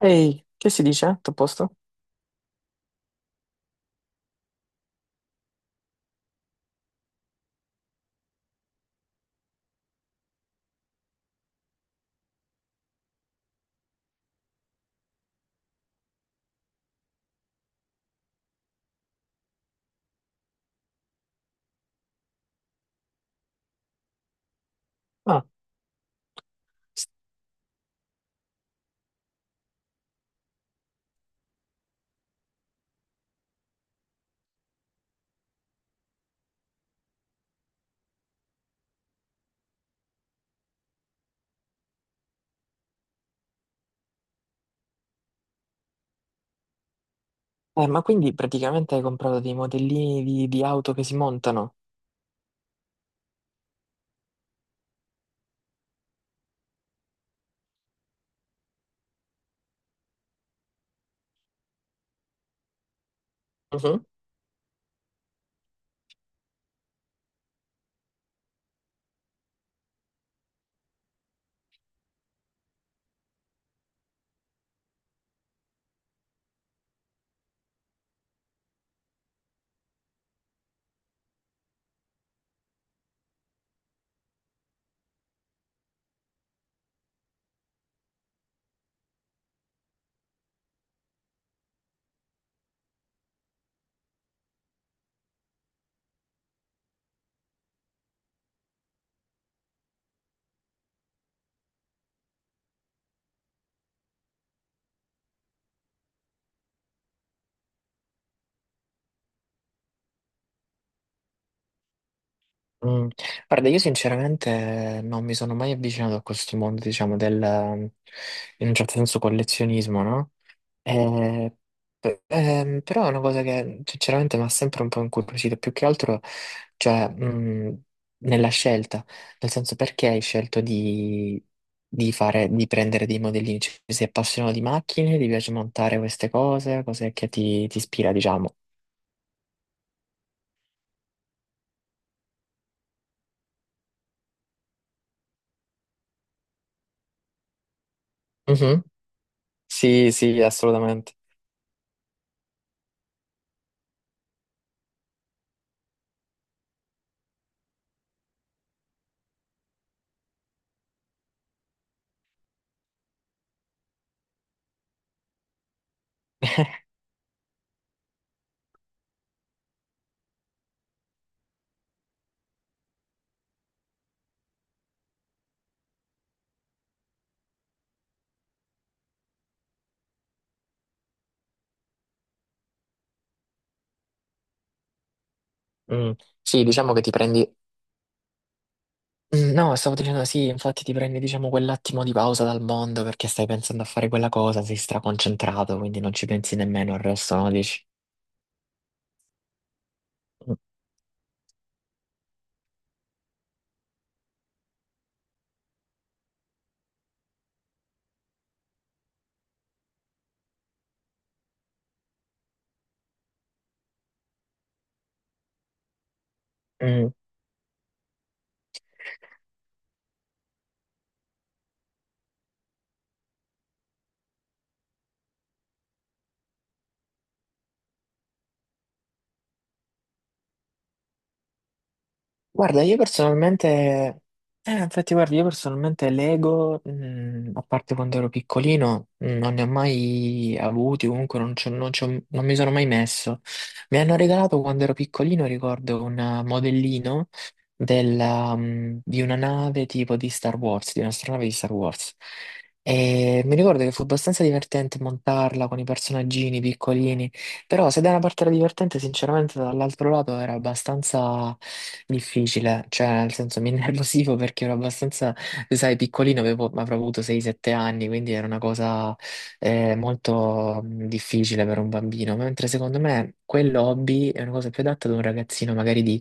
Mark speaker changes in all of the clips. Speaker 1: Ehi, che si dice? Tutto a posto? Ah, ma quindi praticamente hai comprato dei modellini di auto che si montano? Mm. Guarda, io sinceramente non mi sono mai avvicinato a questo mondo, diciamo, del, in un certo senso, collezionismo, no? Eh, però è una cosa che sinceramente mi ha sempre un po' incuriosito, più che altro, cioè, nella scelta, nel senso perché hai scelto di fare, di prendere dei modellini, cioè, sei appassionato di macchine, ti piace montare queste cose, cos'è che ti ispira, diciamo. Mhm. Sì, sì, assolutamente. Mm. Sì, diciamo che ti prendi... Mm, no, stavo dicendo sì, infatti ti prendi, diciamo, quell'attimo di pausa dal mondo perché stai pensando a fare quella cosa, sei straconcentrato, quindi non ci pensi nemmeno al resto, no? Dici... Mm. Guarda, io personalmente, infatti guarda, io personalmente Lego, a parte quando ero piccolino, non ne ho mai avuti, comunque non, non mi sono mai messo. Mi hanno regalato quando ero piccolino, ricordo, un modellino della, di una nave tipo di Star Wars, di un'astronave di Star Wars. E mi ricordo che fu abbastanza divertente montarla con i personaggini piccolini. Però se da una parte era divertente, sinceramente dall'altro lato era abbastanza difficile, cioè nel senso mi innervosivo perché ero abbastanza, sai, piccolino, avevo, avrò avuto 6-7 anni, quindi era una cosa molto difficile per un bambino, mentre secondo me quello hobby è una cosa più adatta ad un ragazzino magari di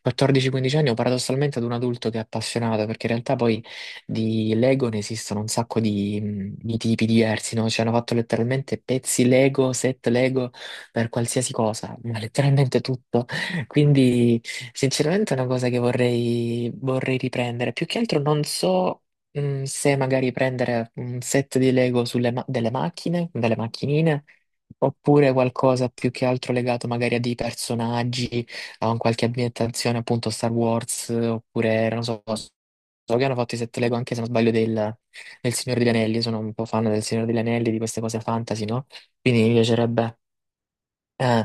Speaker 1: 14-15 anni o paradossalmente ad un adulto che è appassionato, perché in realtà poi di Lego ne esistono un sacco di tipi diversi, no? Cioè hanno fatto letteralmente pezzi Lego, set Lego per qualsiasi cosa, ma letteralmente tutto. Quindi, sinceramente, è una cosa che vorrei riprendere. Più che altro non so. Se magari prendere un set di Lego sulle delle macchine, delle macchinine, oppure qualcosa più che altro legato magari a dei personaggi, a un qualche ambientazione, appunto Star Wars, oppure non so, so che hanno fatto i set Lego anche se non sbaglio del, del Signore degli Anelli, sono un po' fan del Signore degli Anelli, di queste cose fantasy, no? Quindi mi piacerebbe eh,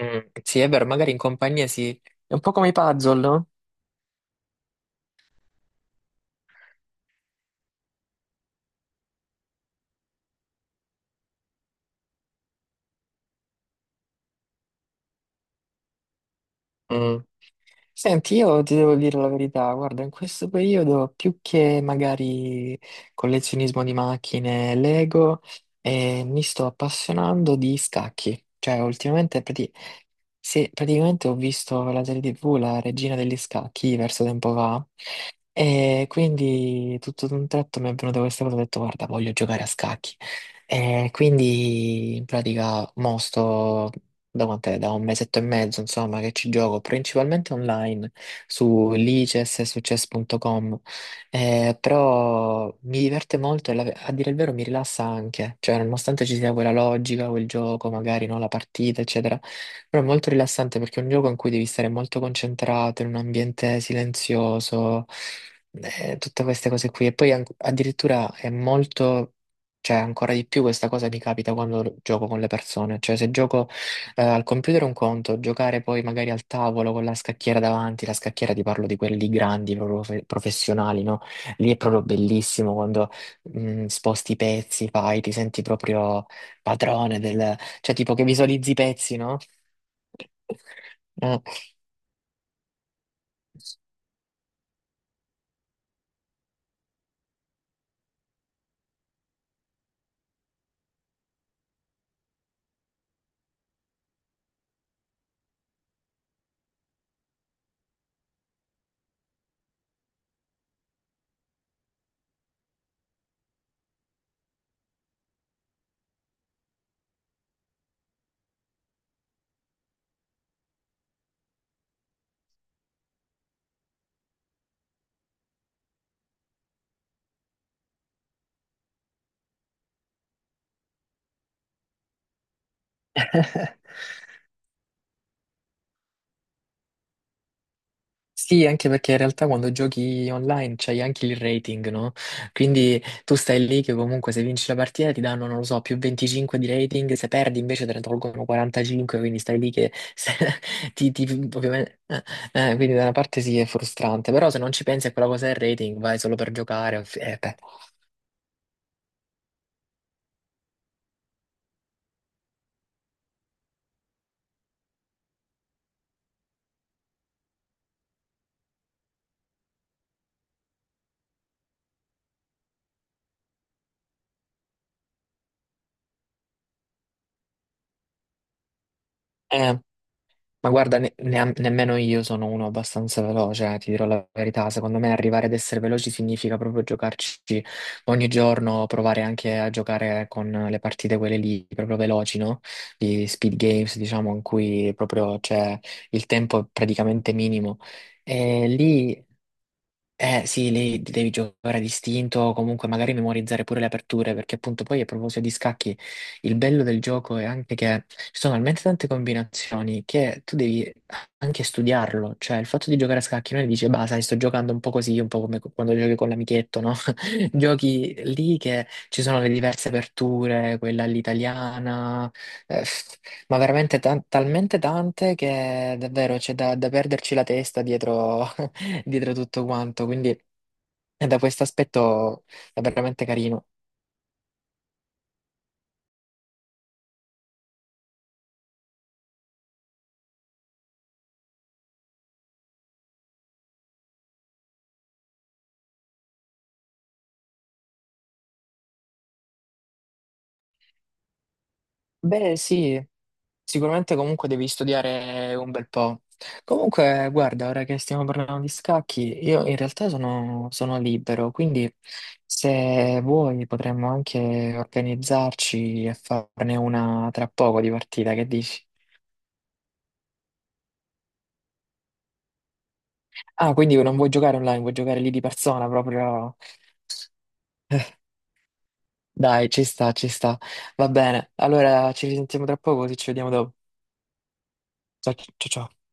Speaker 1: sì, è vero, magari in compagnia sì. È un po' come i puzzle, no? Mm. Senti, io ti devo dire la verità, guarda, in questo periodo più che magari collezionismo di macchine, Lego, mi sto appassionando di scacchi. Cioè, ultimamente praticamente ho visto la serie TV, La Regina degli Scacchi, verso tempo fa, e quindi tutto d'un tratto mi è venuta questa cosa, ho detto, guarda, voglio giocare a scacchi. E quindi in pratica mo sto da quant'è? Da un mesetto e mezzo, insomma, che ci gioco principalmente online su lices e su chess.com. Però mi diverte molto e a dire il vero mi rilassa anche, cioè nonostante ci sia quella logica, quel gioco, magari no, la partita, eccetera, però è molto rilassante perché è un gioco in cui devi stare molto concentrato, in un ambiente silenzioso, tutte queste cose qui. E poi addirittura è molto... Cioè, ancora di più questa cosa mi capita quando gioco con le persone. Cioè, se gioco al computer è un conto, giocare poi magari al tavolo con la scacchiera davanti, la scacchiera ti parlo di quelli grandi, proprio professionali, no? Lì è proprio bellissimo quando sposti i pezzi, fai, ti senti proprio padrone del... cioè tipo che visualizzi i pezzi, no? Sì, anche perché in realtà quando giochi online c'hai anche il rating, no? Quindi tu stai lì che comunque se vinci la partita ti danno, non lo so, più 25 di rating, se perdi invece te ne tolgono 45, quindi stai lì che ovviamente, quindi da una parte sì è frustrante, però se non ci pensi a quella cosa del rating vai solo per giocare. Beh. Eh, Ma guarda, nemmeno io sono uno abbastanza veloce, ti dirò la verità. Secondo me arrivare ad essere veloci significa proprio giocarci ogni giorno, provare anche a giocare con le partite quelle lì, proprio veloci, no? Di speed games, diciamo, in cui proprio c'è il tempo è praticamente minimo. E lì eh sì, lì devi giocare a distinto o comunque magari memorizzare pure le aperture, perché appunto poi a proposito di scacchi, il bello del gioco è anche che ci sono talmente tante combinazioni che tu devi anche studiarlo, cioè il fatto di giocare a scacchi non è che dici, bah, sai, sto giocando un po' così, un po' come quando giochi con l'amichetto, no? Giochi lì che ci sono le diverse aperture, quella all'italiana, eh, ma veramente talmente tante che davvero c'è da, da perderci la testa dietro, dietro tutto quanto. Quindi da questo aspetto è veramente carino. Beh, sì. Sicuramente comunque devi studiare un bel po'. Comunque, guarda, ora che stiamo parlando di scacchi, io in realtà sono libero, quindi se vuoi potremmo anche organizzarci e farne una tra poco di partita, che dici? Ah, quindi non vuoi giocare online, vuoi giocare lì di persona proprio. Dai, ci sta, ci sta. Va bene, allora ci risentiamo tra poco, così ci vediamo dopo. Ciao, ciao, ciao.